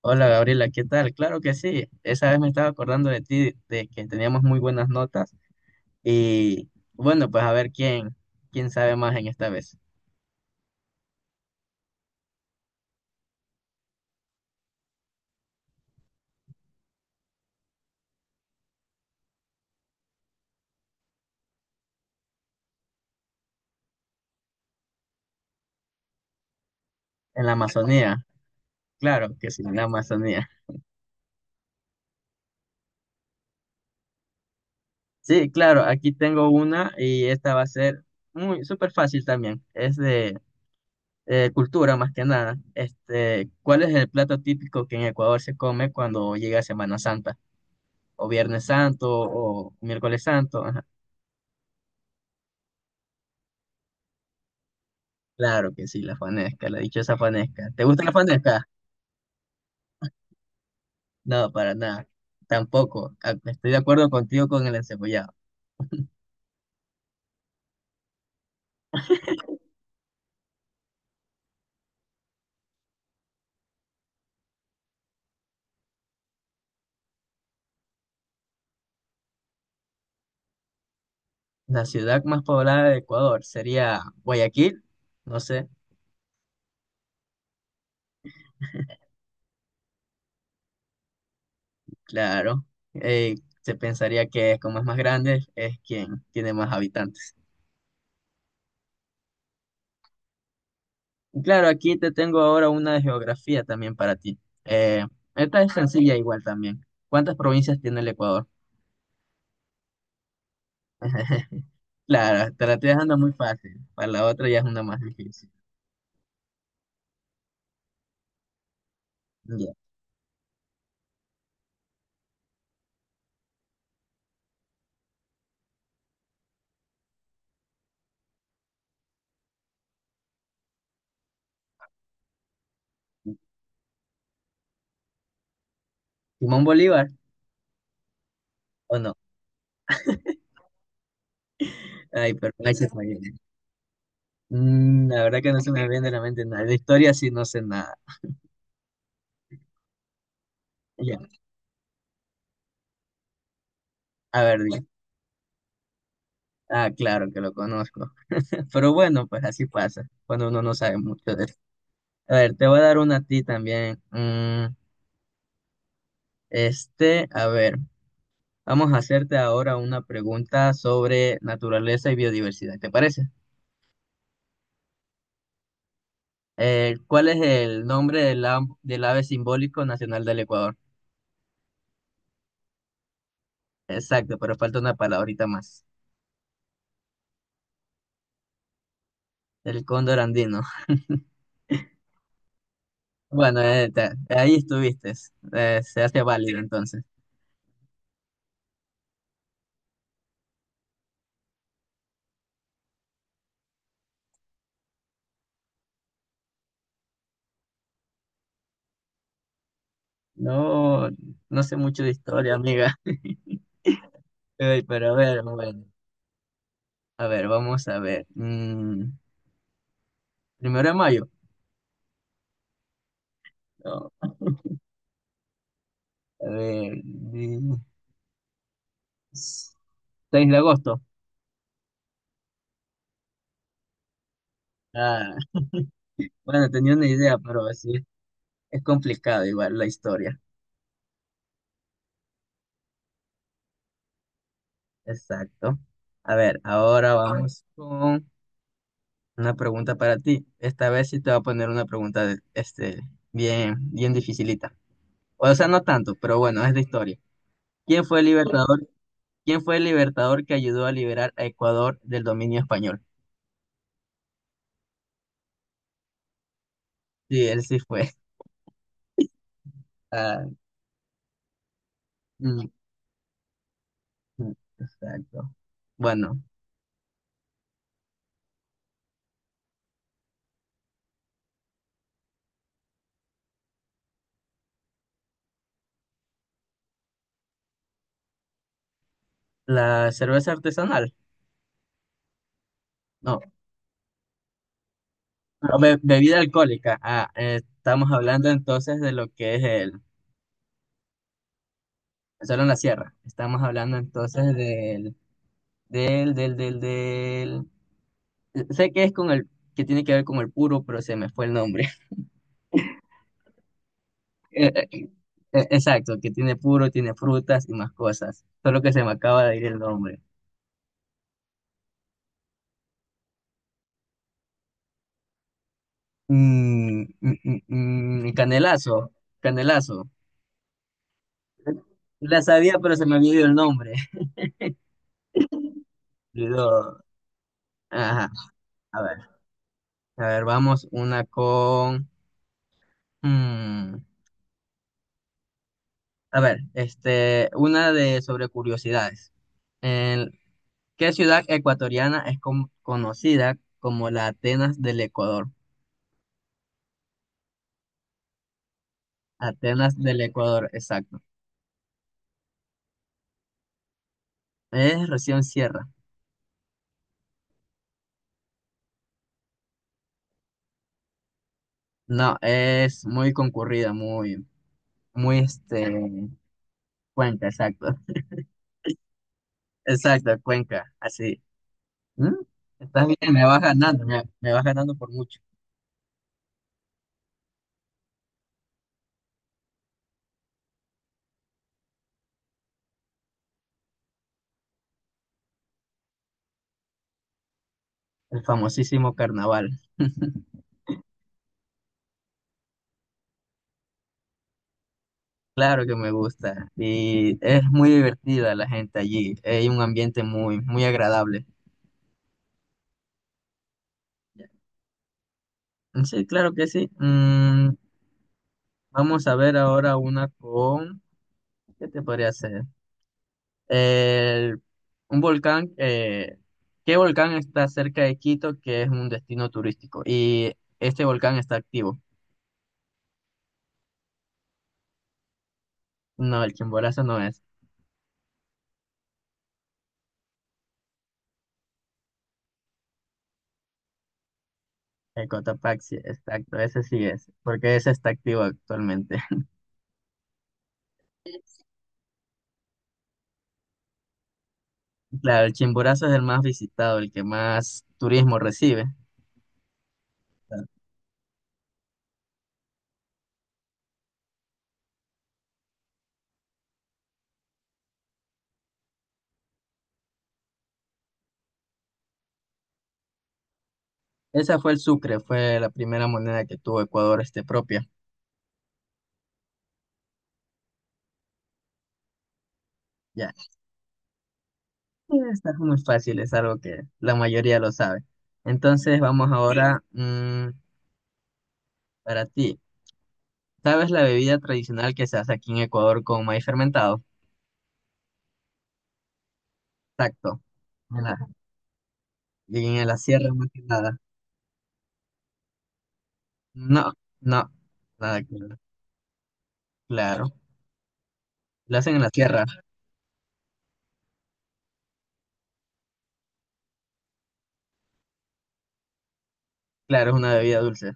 Hola Gabriela, ¿qué tal? Claro que sí. Esa vez me estaba acordando de ti, de que teníamos muy buenas notas. Y bueno, pues a ver quién, quién sabe más en esta vez. En la Amazonía. Claro que sí, en la Amazonía. Sí, claro, aquí tengo una y esta va a ser muy súper fácil también. Es de cultura más que nada. Este, ¿cuál es el plato típico que en Ecuador se come cuando llega Semana Santa? O Viernes Santo o Miércoles Santo. Ajá. Claro que sí, la fanesca, la dichosa fanesca. ¿Te gusta la fanesca? No, para nada. Tampoco. Ah, estoy de acuerdo contigo con el encebollado. La ciudad más poblada de Ecuador sería Guayaquil. No sé, claro. Eh, Se pensaría que como es más grande, es quien tiene más habitantes. Y claro, aquí te tengo ahora una de geografía también para ti. Eh, Esta es sencilla igual también. ¿Cuántas provincias tiene el Ecuador? Claro, te la estoy dejando muy fácil. Para la otra ya es una más difícil. Ya. ¿Simón Bolívar o no? Ay, pero ahí se fue. Mm, la verdad que no se me viene de la mente nada. De historia sí no sé nada. Ya, a ver, di. Ah, claro que lo conozco. Pero bueno, pues así pasa, cuando uno no sabe mucho de esto. A ver, te voy a dar una a ti también. Mm, este, a ver, vamos a hacerte ahora una pregunta sobre naturaleza y biodiversidad, ¿te parece? ¿Cuál es el nombre del ave simbólico nacional del Ecuador? Exacto, pero falta una palabrita más. El cóndor andino. Bueno, ahí estuviste. Se hace válido entonces. No, no sé mucho de historia, amiga. Ey, pero a ver, bueno. A ver, vamos a ver. Mm, primero de mayo. No. A ver. 6 de agosto. Ah, bueno, tenía una idea, pero así es complicado igual la historia. Exacto. A ver, ahora vamos una pregunta para ti. Esta vez sí te voy a poner una pregunta este, bien, bien dificilita. O sea, no tanto, pero bueno, es de historia. ¿Quién fue el libertador? ¿Quién fue el libertador que ayudó a liberar a Ecuador del dominio español? Sí, él sí fue. Ah, mm, mm, exacto. Bueno, la cerveza artesanal. No, no, bebida alcohólica. Ah, estamos hablando entonces de lo que es el. Solo en la sierra. Estamos hablando entonces del sé que es con el, que tiene que ver con el puro, pero se me fue el nombre. Eh, eh, Exacto, que tiene puro, tiene frutas y más cosas. Solo que se me acaba de ir el nombre. Canelazo, canelazo. La sabía, pero se me había ido el nombre. Lo- ajá, a ver, a ver, vamos una con... mm, a ver, este, una de sobre curiosidades. En- ¿Qué ciudad ecuatoriana es conocida como la Atenas del Ecuador? Atenas del Ecuador, exacto. Es recién cierra. No, es muy concurrida, muy, muy este, Cuenca, exacto. Exacto, Cuenca, así. ¿Mm? Estás bien, me vas ganando, me vas ganando por mucho. El famosísimo carnaval. Claro que me gusta. Y es muy divertida la gente allí. Hay un ambiente muy, muy agradable. Sí, claro que sí. Mm, vamos a ver ahora una con... ¿Qué te podría hacer? El- un volcán, ¿qué volcán está cerca de Quito que es un destino turístico? Y este volcán está activo. No, el Chimborazo no es. El Cotopaxi, sí, exacto, ese sí es, porque ese está activo actualmente. Claro, el Chimborazo es el más visitado, el que más turismo recibe. Claro. Esa fue el Sucre, fue la primera moneda que tuvo Ecuador este propia. Ya, y está muy fácil, es algo que la mayoría lo sabe. Entonces vamos ahora mm, para ti. ¿Sabes la bebida tradicional que se hace aquí en Ecuador con maíz fermentado? Exacto. En la, en la sierra más que nada. No, no, nada que ver. Claro. La hacen en la sierra. Claro, es una bebida dulce.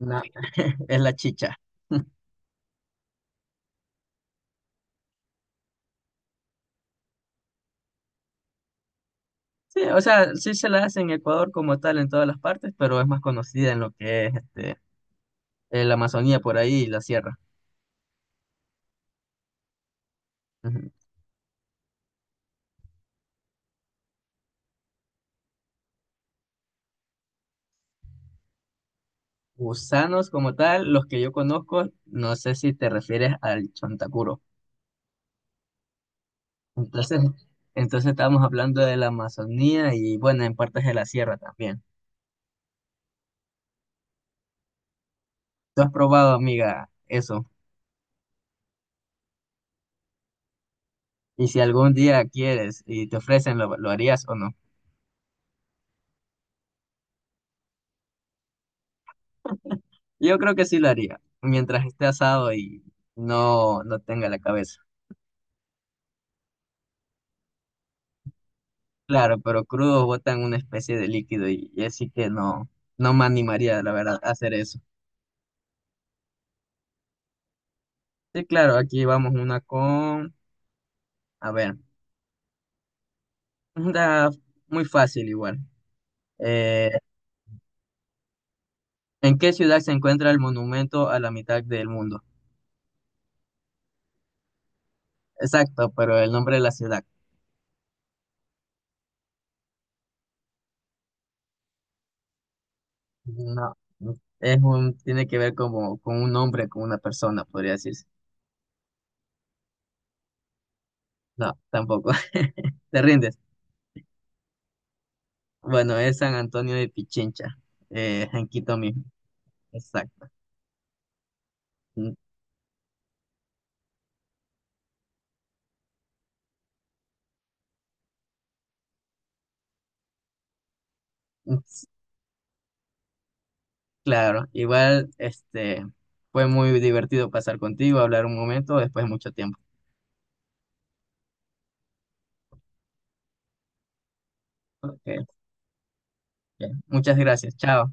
No, es la chicha. Sí, o sea, sí se la hace en Ecuador como tal en todas las partes, pero es más conocida en lo que es este, la Amazonía por ahí y la sierra. Ujú. Gusanos como tal, los que yo conozco, no sé si te refieres al chontacuro. Entonces, entonces estábamos hablando de la Amazonía y bueno, en partes de la sierra también. ¿Tú has probado, amiga, eso? Y si algún día quieres y te ofrecen, lo harías o no? Yo creo que sí lo haría, mientras esté asado y no, no tenga la cabeza. Claro, pero crudo botan una especie de líquido y así que no, no me animaría, la verdad, a hacer eso. Sí, claro, aquí vamos una con, a ver, una muy fácil igual. Eh, ¿En qué ciudad se encuentra el monumento a la mitad del mundo? Exacto, pero el nombre de la ciudad. No, es un, tiene que ver como con un nombre, con una persona, podría decirse. No, tampoco. ¿Te rindes? Bueno, es San Antonio de Pichincha, en Quito mismo. Exacto. Mm, mm, s- Claro, igual, este, fue muy divertido pasar contigo, hablar un momento después de mucho tiempo. Ok, ok. Muchas gracias. Chao.